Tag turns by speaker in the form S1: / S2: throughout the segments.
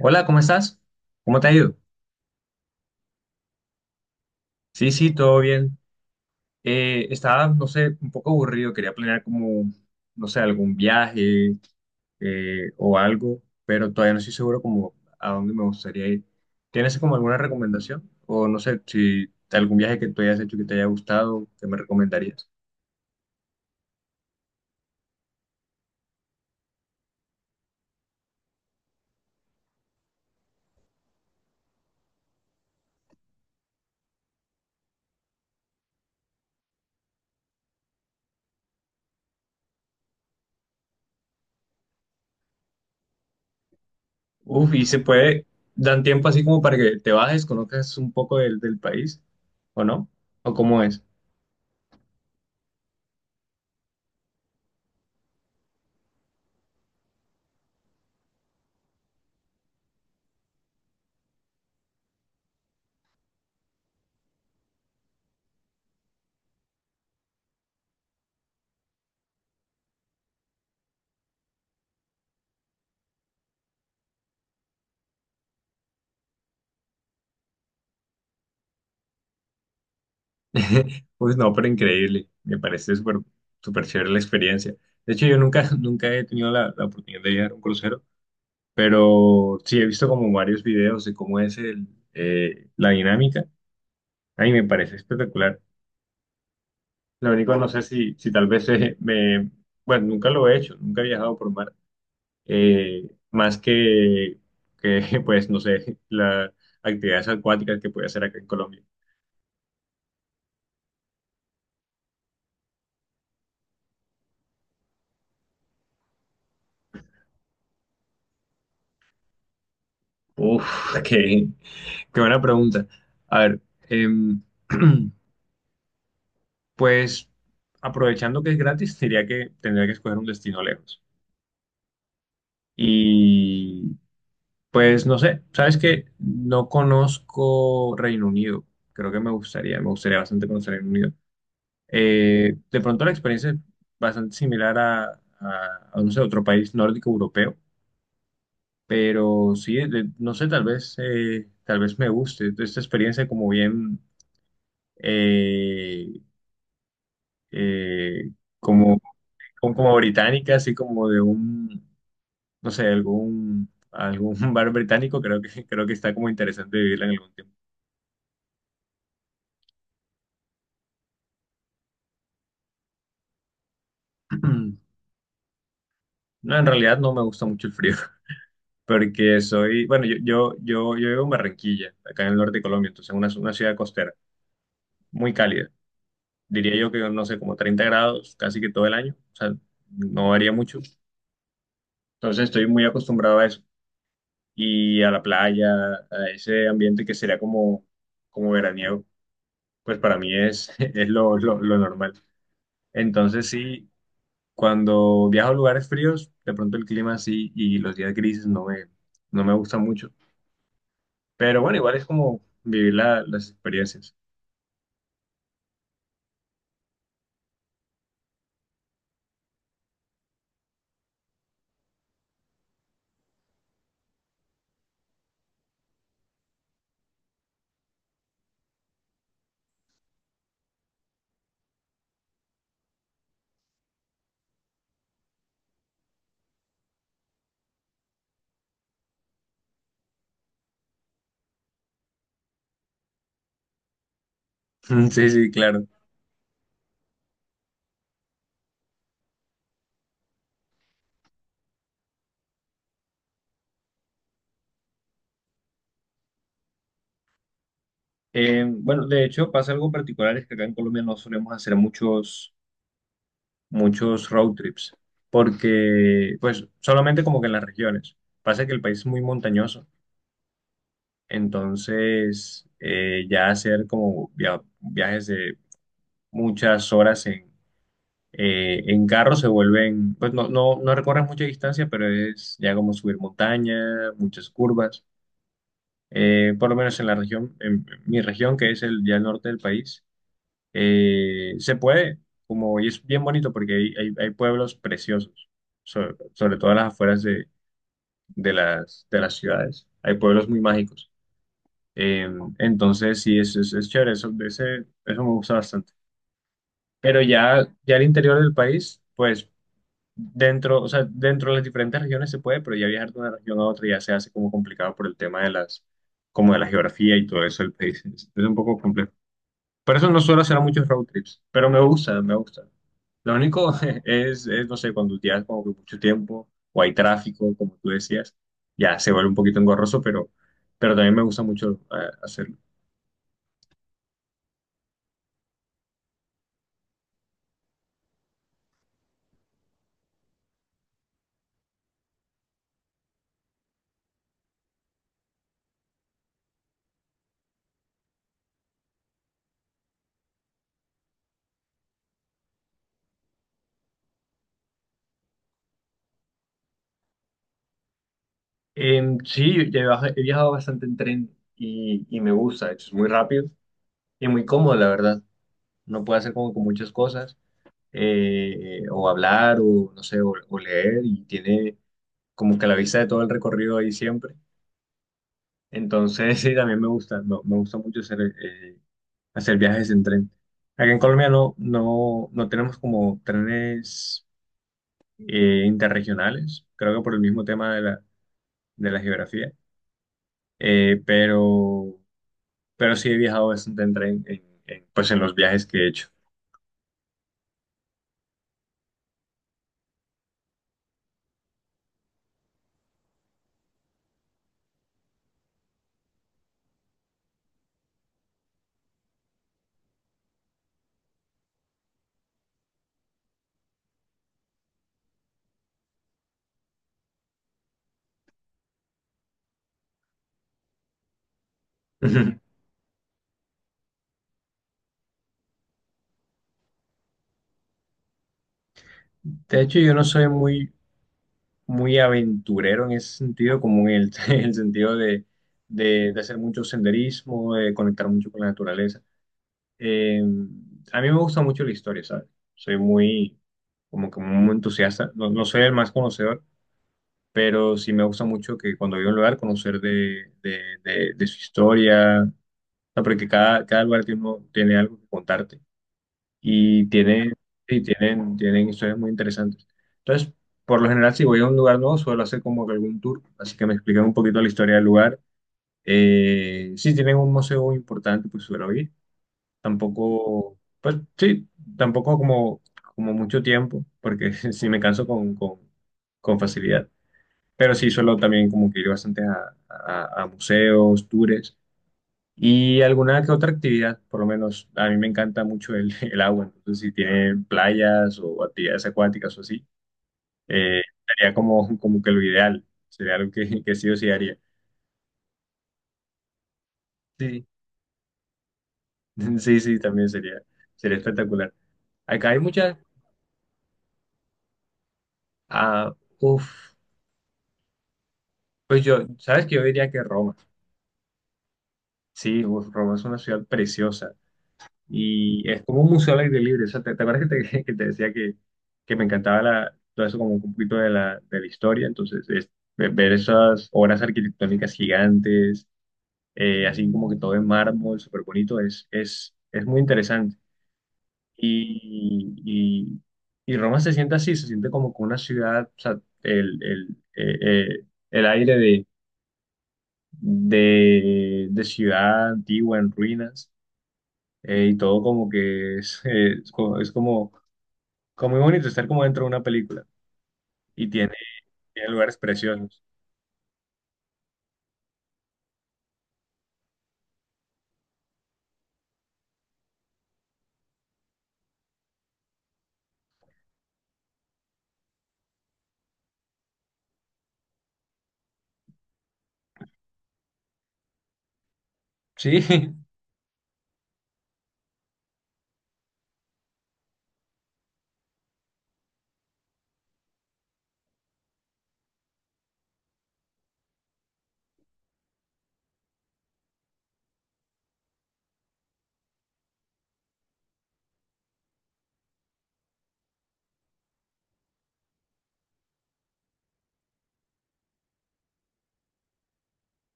S1: Hola, ¿cómo estás? ¿Cómo te ha ido? Sí, sí, todo bien. Estaba, no sé, un poco aburrido, quería planear como, no sé, algún viaje o algo, pero todavía no estoy seguro como a dónde me gustaría ir. ¿Tienes como alguna recomendación? O no sé, si algún viaje que tú hayas hecho que te haya gustado, ¿qué me recomendarías? Uf, y se puede, dan tiempo así como para que te bajes, conozcas un poco del país, ¿o no? ¿O cómo es? Pues no, pero increíble. Me parece súper súper chévere la experiencia. De hecho, yo nunca, nunca he tenido la oportunidad de viajar a un crucero, pero sí he visto como varios videos de cómo es el, la dinámica. A mí me parece espectacular. Lo único, no sé si, si tal vez me... Bueno, nunca lo he hecho, nunca he viajado por mar. Eh, más que, pues, no sé, las actividades acuáticas que puede hacer acá en Colombia. Uf, que qué buena pregunta. A ver, em, pues aprovechando que es gratis, diría que tendría que escoger un destino lejos. Y pues no sé, sabes que no conozco Reino Unido. Creo que me gustaría bastante conocer Reino Unido. De pronto la experiencia es bastante similar a no sé, otro país nórdico europeo, pero sí, no sé, tal vez me guste esta experiencia como bien. eh, eh, como, como, como británica, así como de un, no sé, algún, algún bar británico, creo que está como interesante vivirla en algún tiempo. No, en realidad no me gusta mucho el frío, porque soy, bueno, yo vivo en Barranquilla, acá en el norte de Colombia, entonces una ciudad costera, muy cálida. Diría yo que, no sé, como 30 grados casi que todo el año, o sea, no varía mucho. Entonces estoy muy acostumbrado a eso y a la playa, a ese ambiente que sería como, como veraniego. Pues para mí es, es lo normal. Entonces sí, cuando viajo a lugares fríos, de pronto el clima sí y los días grises no me, no me gustan mucho. Pero bueno, igual es como vivir las experiencias. Sí, sí, claro. Bueno, de hecho pasa algo particular, es que acá en Colombia no solemos hacer muchos, muchos road trips, porque pues solamente como que en las regiones. Pasa que el país es muy montañoso, entonces ya hacer como viajes de muchas horas en carro, se vuelven, pues no, no, no recorres mucha distancia, pero es ya como subir montaña, muchas curvas. Por lo menos en la región, en mi región, que es el, ya el norte del país, se puede, como, y es bien bonito porque hay, hay pueblos preciosos, sobre, sobre todo en las afueras de las ciudades. Hay pueblos muy mágicos. Eh, entonces, sí, es chévere, eso, ese, eso me gusta bastante. Pero ya, ya el interior del país, pues dentro, o sea, dentro de las diferentes regiones se puede, pero ya viajar de una región a otra ya se hace como complicado por el tema de las, como de la geografía y todo eso del país. Es un poco complejo. Por eso no suelo hacer muchos road trips, pero me gusta, me gusta. Lo único es, no sé, cuando tienes como que mucho tiempo o hay tráfico, como tú decías, ya se vuelve un poquito engorroso, pero también me gusta mucho hacerlo. Sí, ya he viajado bastante en tren y me gusta, de hecho, es muy rápido y muy cómodo, la verdad. No puede hacer como que muchas cosas, o hablar, o no sé, o leer, y tiene como que la vista de todo el recorrido ahí siempre. Entonces, sí, también me gusta, me gusta mucho hacer, hacer viajes en tren. Acá en Colombia no, no, no tenemos como trenes interregionales, creo que por el mismo tema de la geografía, eh, pero, pero sí he viajado bastante en tren, pues en los viajes que he hecho. De hecho, yo no soy muy, muy aventurero en ese sentido, como en el, en el sentido de, de hacer mucho senderismo, de conectar mucho con la naturaleza. Eh, a mí me gusta mucho la historia, ¿sabes? Soy muy, como que muy entusiasta, no, no soy el más conocedor, pero sí me gusta mucho que cuando voy a un lugar conocer de, de su historia, o sea, porque cada, cada lugar tiene, tiene algo que contarte y tienen, y tienen, tienen historias muy interesantes. Entonces, por lo general, si voy a un lugar nuevo, suelo hacer como que algún tour, así que me explican un poquito la historia del lugar. Si tienen un museo importante, pues suelo ir. Tampoco, pues sí, tampoco como, como mucho tiempo, porque sí me canso con facilidad. Pero sí suelo también como que ir bastante a museos, tours. Y alguna que otra actividad, por lo menos a mí me encanta mucho el, el agua, entonces si tienen playas o actividades acuáticas o así, eh, sería como, como que lo ideal, sería algo que sí o sí haría. Sí, sí, sí, también sería, sería espectacular. Acá hay muchas, ah, uf, pues yo, sabes que yo diría que Roma, sí, uf, Roma es una ciudad preciosa. Y es como un museo al aire libre. O sea, ¿te, te acuerdas que te, que te decía que me encantaba la, todo eso como un poquito de la historia? Entonces, es ver esas obras arquitectónicas gigantes, así como que todo en mármol, súper bonito, es muy interesante. Y, y, y Roma se siente así, se siente como que una ciudad, o sea, el, el, eh, el aire de ciudad antigua en ruinas y todo como que es, es como, como muy bonito estar como dentro de una película. Y tiene, tiene lugares preciosos. Sí,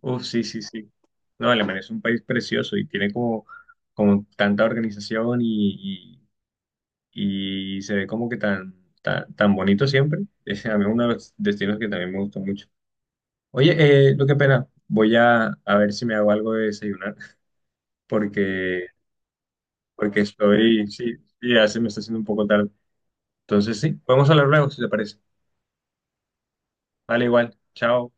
S1: uff, sí, sí, sí. No, Alemania es un país precioso y tiene como, como tanta organización y se ve como que tan, tan, tan bonito siempre. Es a mí uno de los destinos que también me gustó mucho. Oye, lo que pena, voy a ver si me hago algo de desayunar porque, porque estoy, sí, sí, ya se me está haciendo un poco tarde. Entonces, sí, podemos hablar luego si te parece. Vale, igual, chao.